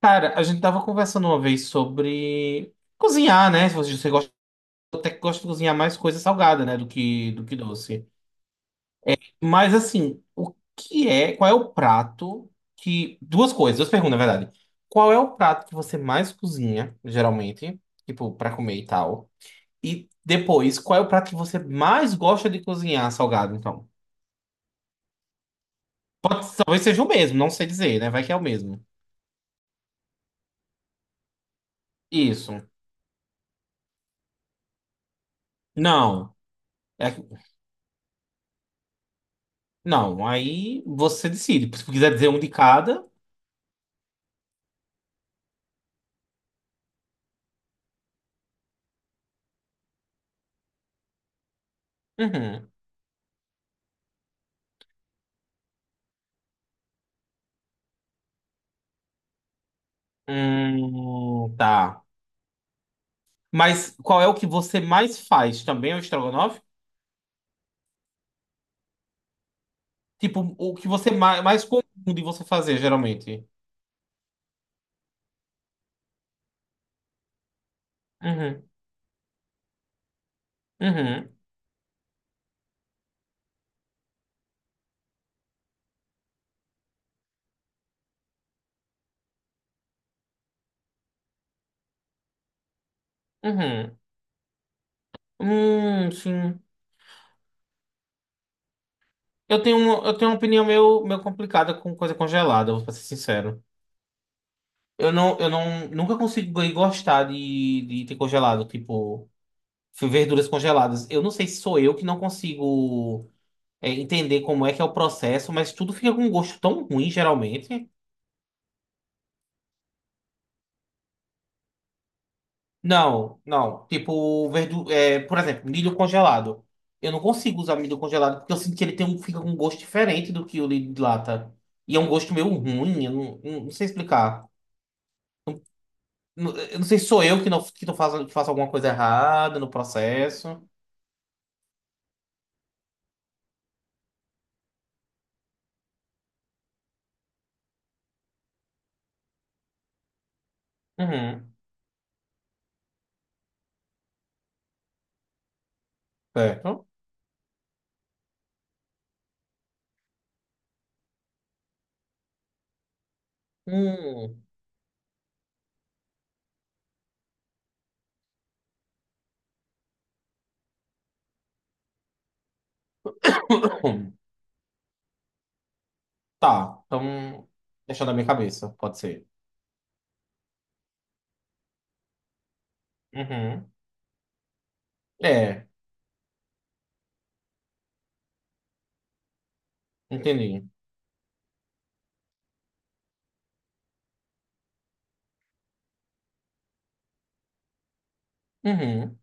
Cara, a gente tava conversando uma vez sobre cozinhar, né? Se você gosta, até que gosta de cozinhar mais coisa salgada, né? Do que doce. Mas assim, o que é, qual é o prato que. Duas coisas, duas perguntas, na verdade. Qual é o prato que você mais cozinha, geralmente? Tipo, pra comer e tal. E depois, qual é o prato que você mais gosta de cozinhar salgado, então? Talvez seja o mesmo, não sei dizer, né? Vai que é o mesmo. Isso. Não. É. Não, aí você decide. Se quiser dizer um de cada. Uhum. Tá. Mas qual é o que você mais faz? Também é o estrogonofe? Tipo, o que você mais comum de você fazer, geralmente? Uhum, uhum, uhum. Sim. Eu tenho uma opinião meio complicada com coisa congelada, vou ser sincero. Eu não, nunca consigo gostar de ter congelado, tipo, verduras congeladas. Eu não sei se sou eu que não consigo entender como é que é o processo, mas tudo fica com um gosto tão ruim, geralmente. Não, não. Tipo, verdu é, por exemplo, milho congelado. Eu não consigo usar milho congelado porque eu sinto que ele tem um, fica com um gosto diferente do que o de lata. E é um gosto meio ruim, eu não sei explicar. Eu não sei se sou eu que não que tô fazendo, que faço alguma coisa errada no processo. Uhum, certo. Hum. Tá, então. Deixando na minha cabeça, pode ser. Uhum. É, entendi. Uhum.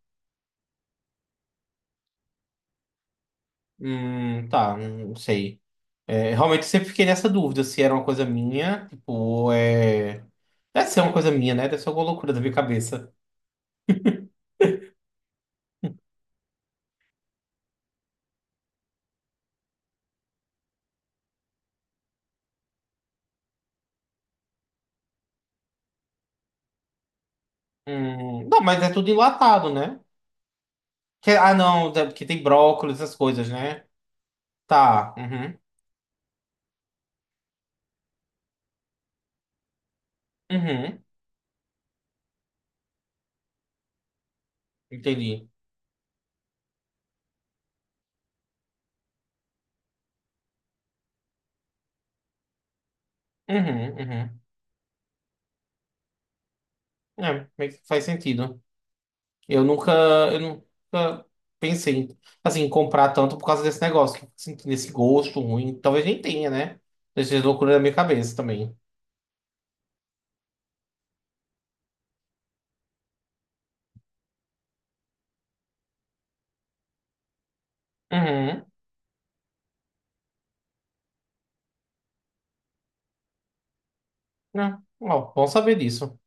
Tá, não sei. É, realmente eu sempre fiquei nessa dúvida se era uma coisa minha, tipo, ou é. Deve ser uma coisa minha, né? Deve ser alguma loucura da minha cabeça. Não, mas é tudo enlatado, né? Ah, não, é porque tem brócolis, essas coisas, né? Tá, uhum, uhum, entendi. Uhum, uhum. É, meio que faz sentido. Eu nunca, eu nunca pensei, em, assim, em comprar tanto por causa desse negócio, que eu fico sentindo esse gosto ruim. Talvez nem tenha, né? Dessas loucuras da minha cabeça também. Uhum. Né? Ó, bom saber disso.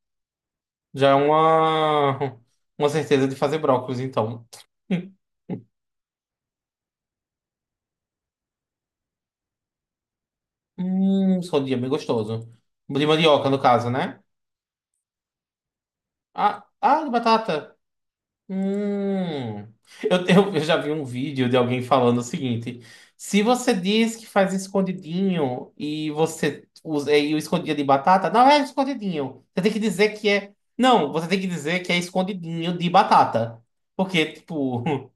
Já é uma, uma certeza de fazer brócolis, então. Escondia, bem gostoso. De mandioca, no caso, né? Ah, ah, de batata. Hum. Eu já vi um vídeo de alguém falando o seguinte: se você diz que faz escondidinho e você usa o escondidinho de batata, não é escondidinho. Você tem que dizer que é. Não, você tem que dizer que é escondidinho de batata. Porque, tipo.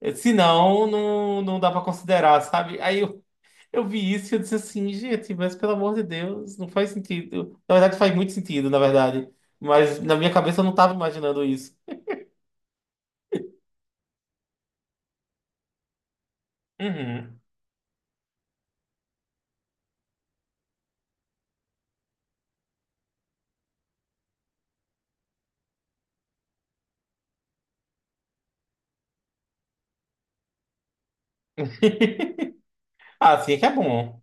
Senão, não dá pra considerar, sabe? Aí eu vi isso e eu disse assim, gente, mas pelo amor de Deus, não faz sentido. Na verdade, faz muito sentido, na verdade. Mas na minha cabeça eu não tava imaginando isso. Uhum. Ah, assim é que é bom.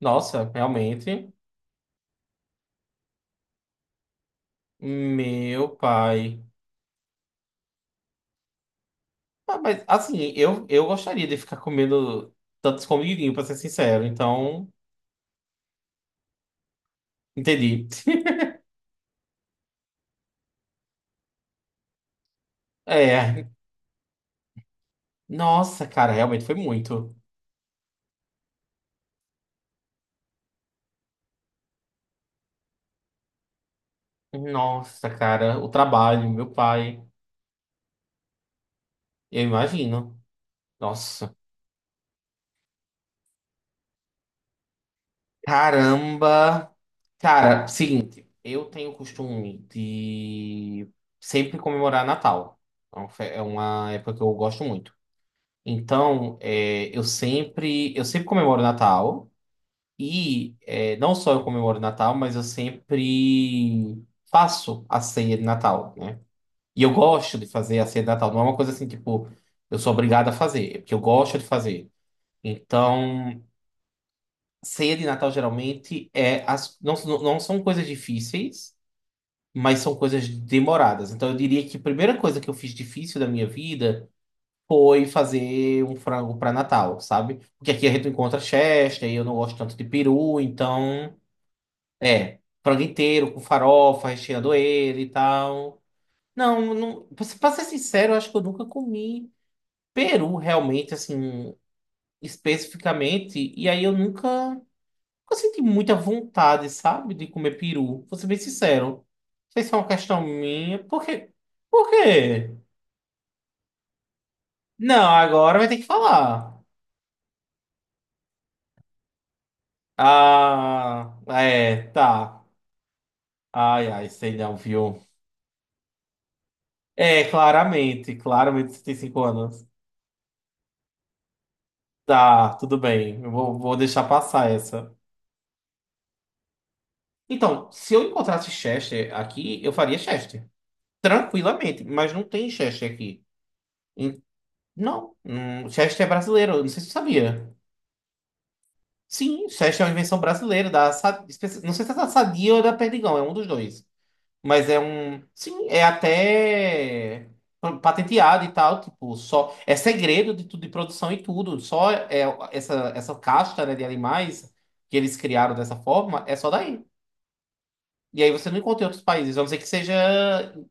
Nossa, realmente. Meu pai. Ah, mas, assim, eu gostaria de ficar comendo tantos escondidinho, pra ser sincero. Então, entendi. É. Nossa, cara, realmente foi muito. Nossa, cara, o trabalho, meu pai. Eu imagino. Nossa. Caramba. Cara, seguinte, eu tenho o costume de sempre comemorar Natal. É uma época que eu gosto muito. Então, eu sempre comemoro Natal e não só eu comemoro Natal, mas eu sempre faço a ceia de Natal, né? E eu gosto de fazer a ceia de Natal. Não é uma coisa assim, tipo, eu sou obrigado a fazer, é porque eu gosto de fazer. Então, ceia de Natal geralmente é não, não são coisas difíceis, mas são coisas demoradas. Então eu diria que a primeira coisa que eu fiz difícil da minha vida foi fazer um frango para Natal, sabe? Porque aqui a gente encontra Chester e eu não gosto tanto de peru, então é frango inteiro com farofa, recheando ele e tal. Não, não, para ser pra ser sincero, eu acho que eu nunca comi peru realmente assim especificamente, e aí eu nunca Eu senti muita vontade, sabe, de comer peru. Vou ser bem sincero. Não sei se é uma questão minha. Por quê? Por quê? Não, agora vai ter que falar. Ah, é, tá. Ai, ai, sei não, viu? É, claramente, claramente você tem 5 anos. Tá, tudo bem. Eu vou deixar passar essa. Então, se eu encontrasse Chester aqui, eu faria Chester. Tranquilamente, mas não tem Chester aqui. Em- Não, Chester é brasileiro, eu não sei se você sabia. Sim, Chester é uma invenção brasileira, não sei se é da Sadia ou da Perdigão, é um dos dois. Mas é um. Sim, é até patenteado e tal, tipo, só. É segredo de tudo, de produção e tudo. Só é essa casta, né, de animais que eles criaram dessa forma é só daí. E aí você não encontra em outros países, a não ser que seja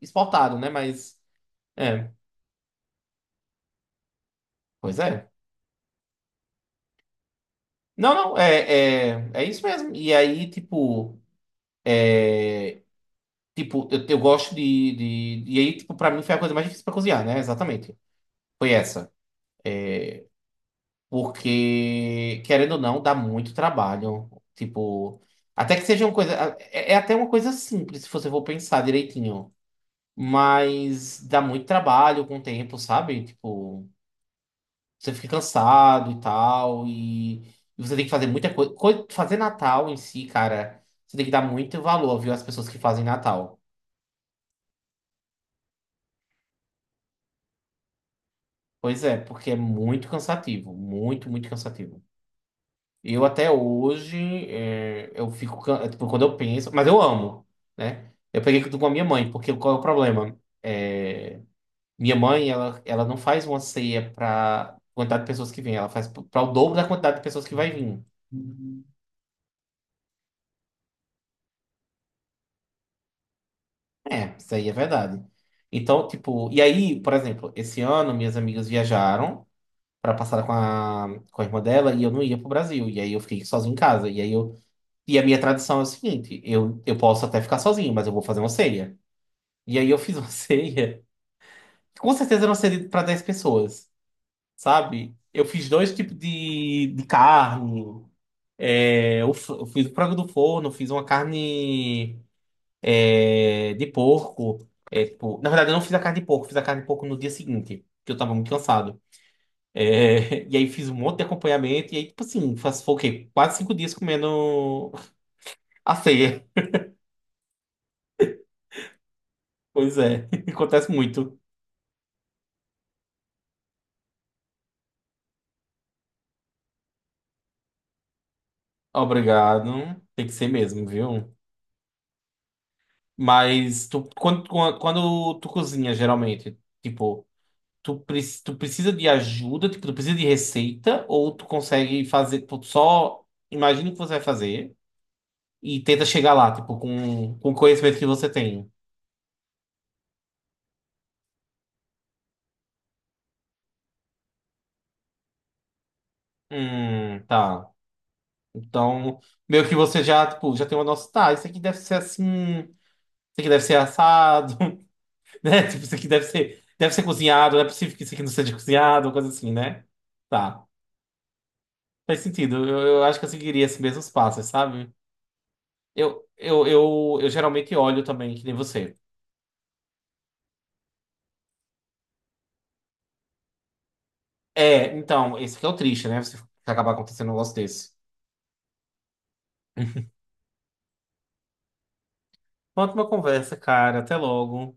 exportado, né? Mas. É, pois é. Não, não, é isso mesmo. E aí, tipo. Tipo, eu gosto de. E aí, tipo, pra mim foi a coisa mais difícil pra cozinhar, né? Exatamente. Foi essa. Porque, querendo ou não, dá muito trabalho. Tipo. Até que seja uma coisa. É até uma coisa simples, se você for pensar direitinho. Mas dá muito trabalho com o tempo, sabe? Tipo, você fica cansado e tal. E você tem que fazer muita coisa. Fazer Natal em si, cara, você tem que dar muito valor, viu? Às pessoas que fazem Natal. Pois é, porque é muito cansativo, muito, muito cansativo. Eu até hoje, eu fico, tipo, quando eu penso, mas eu amo, né? Eu peguei tudo com a minha mãe, porque qual é o problema? É, minha mãe, ela não faz uma ceia para quantidade de pessoas que vem, ela faz para o dobro da quantidade de pessoas que vai vir. É, isso aí é verdade. Então, tipo, e aí, por exemplo, esse ano minhas amigas viajaram para passar com a irmã dela e eu não ia pro Brasil, e aí eu fiquei sozinho em casa, e aí eu. E a minha tradição é o seguinte: eu posso até ficar sozinho, mas eu vou fazer uma ceia. E aí eu fiz uma ceia, que com certeza era uma ceia para 10 pessoas, sabe? Eu fiz dois tipos de carne, eu fiz o frango do forno, fiz uma carne de porco. Tipo, na verdade, eu não fiz a carne de porco, fiz a carne de porco no dia seguinte, porque eu tava muito cansado. É, e aí fiz um monte de acompanhamento, e aí, tipo assim, foi o quê? Quase 5 dias comendo a ceia. Pois é, acontece muito. Obrigado. Tem que ser mesmo, viu? Mas tu, quando tu cozinha, geralmente, tipo, tu precisa de ajuda, tipo, tu precisa de receita, ou tu consegue fazer, tu só imagina o que você vai fazer e tenta chegar lá, tipo, com o conhecimento que você tem. Tá. Então, meio que você já, tipo, já tem uma noção, tá, isso aqui deve ser assim, isso aqui deve ser assado. Né? Tipo, isso aqui deve ser cozinhado, não é possível que isso aqui não seja cozinhado, coisa assim, né? Tá. Faz sentido. Eu acho que eu seguiria esses mesmos passos, sabe? Eu geralmente olho também, que nem você. É, então, esse que é o triste, né? Você acabar acontecendo um negócio desse. Ótima conversa, cara. Até logo.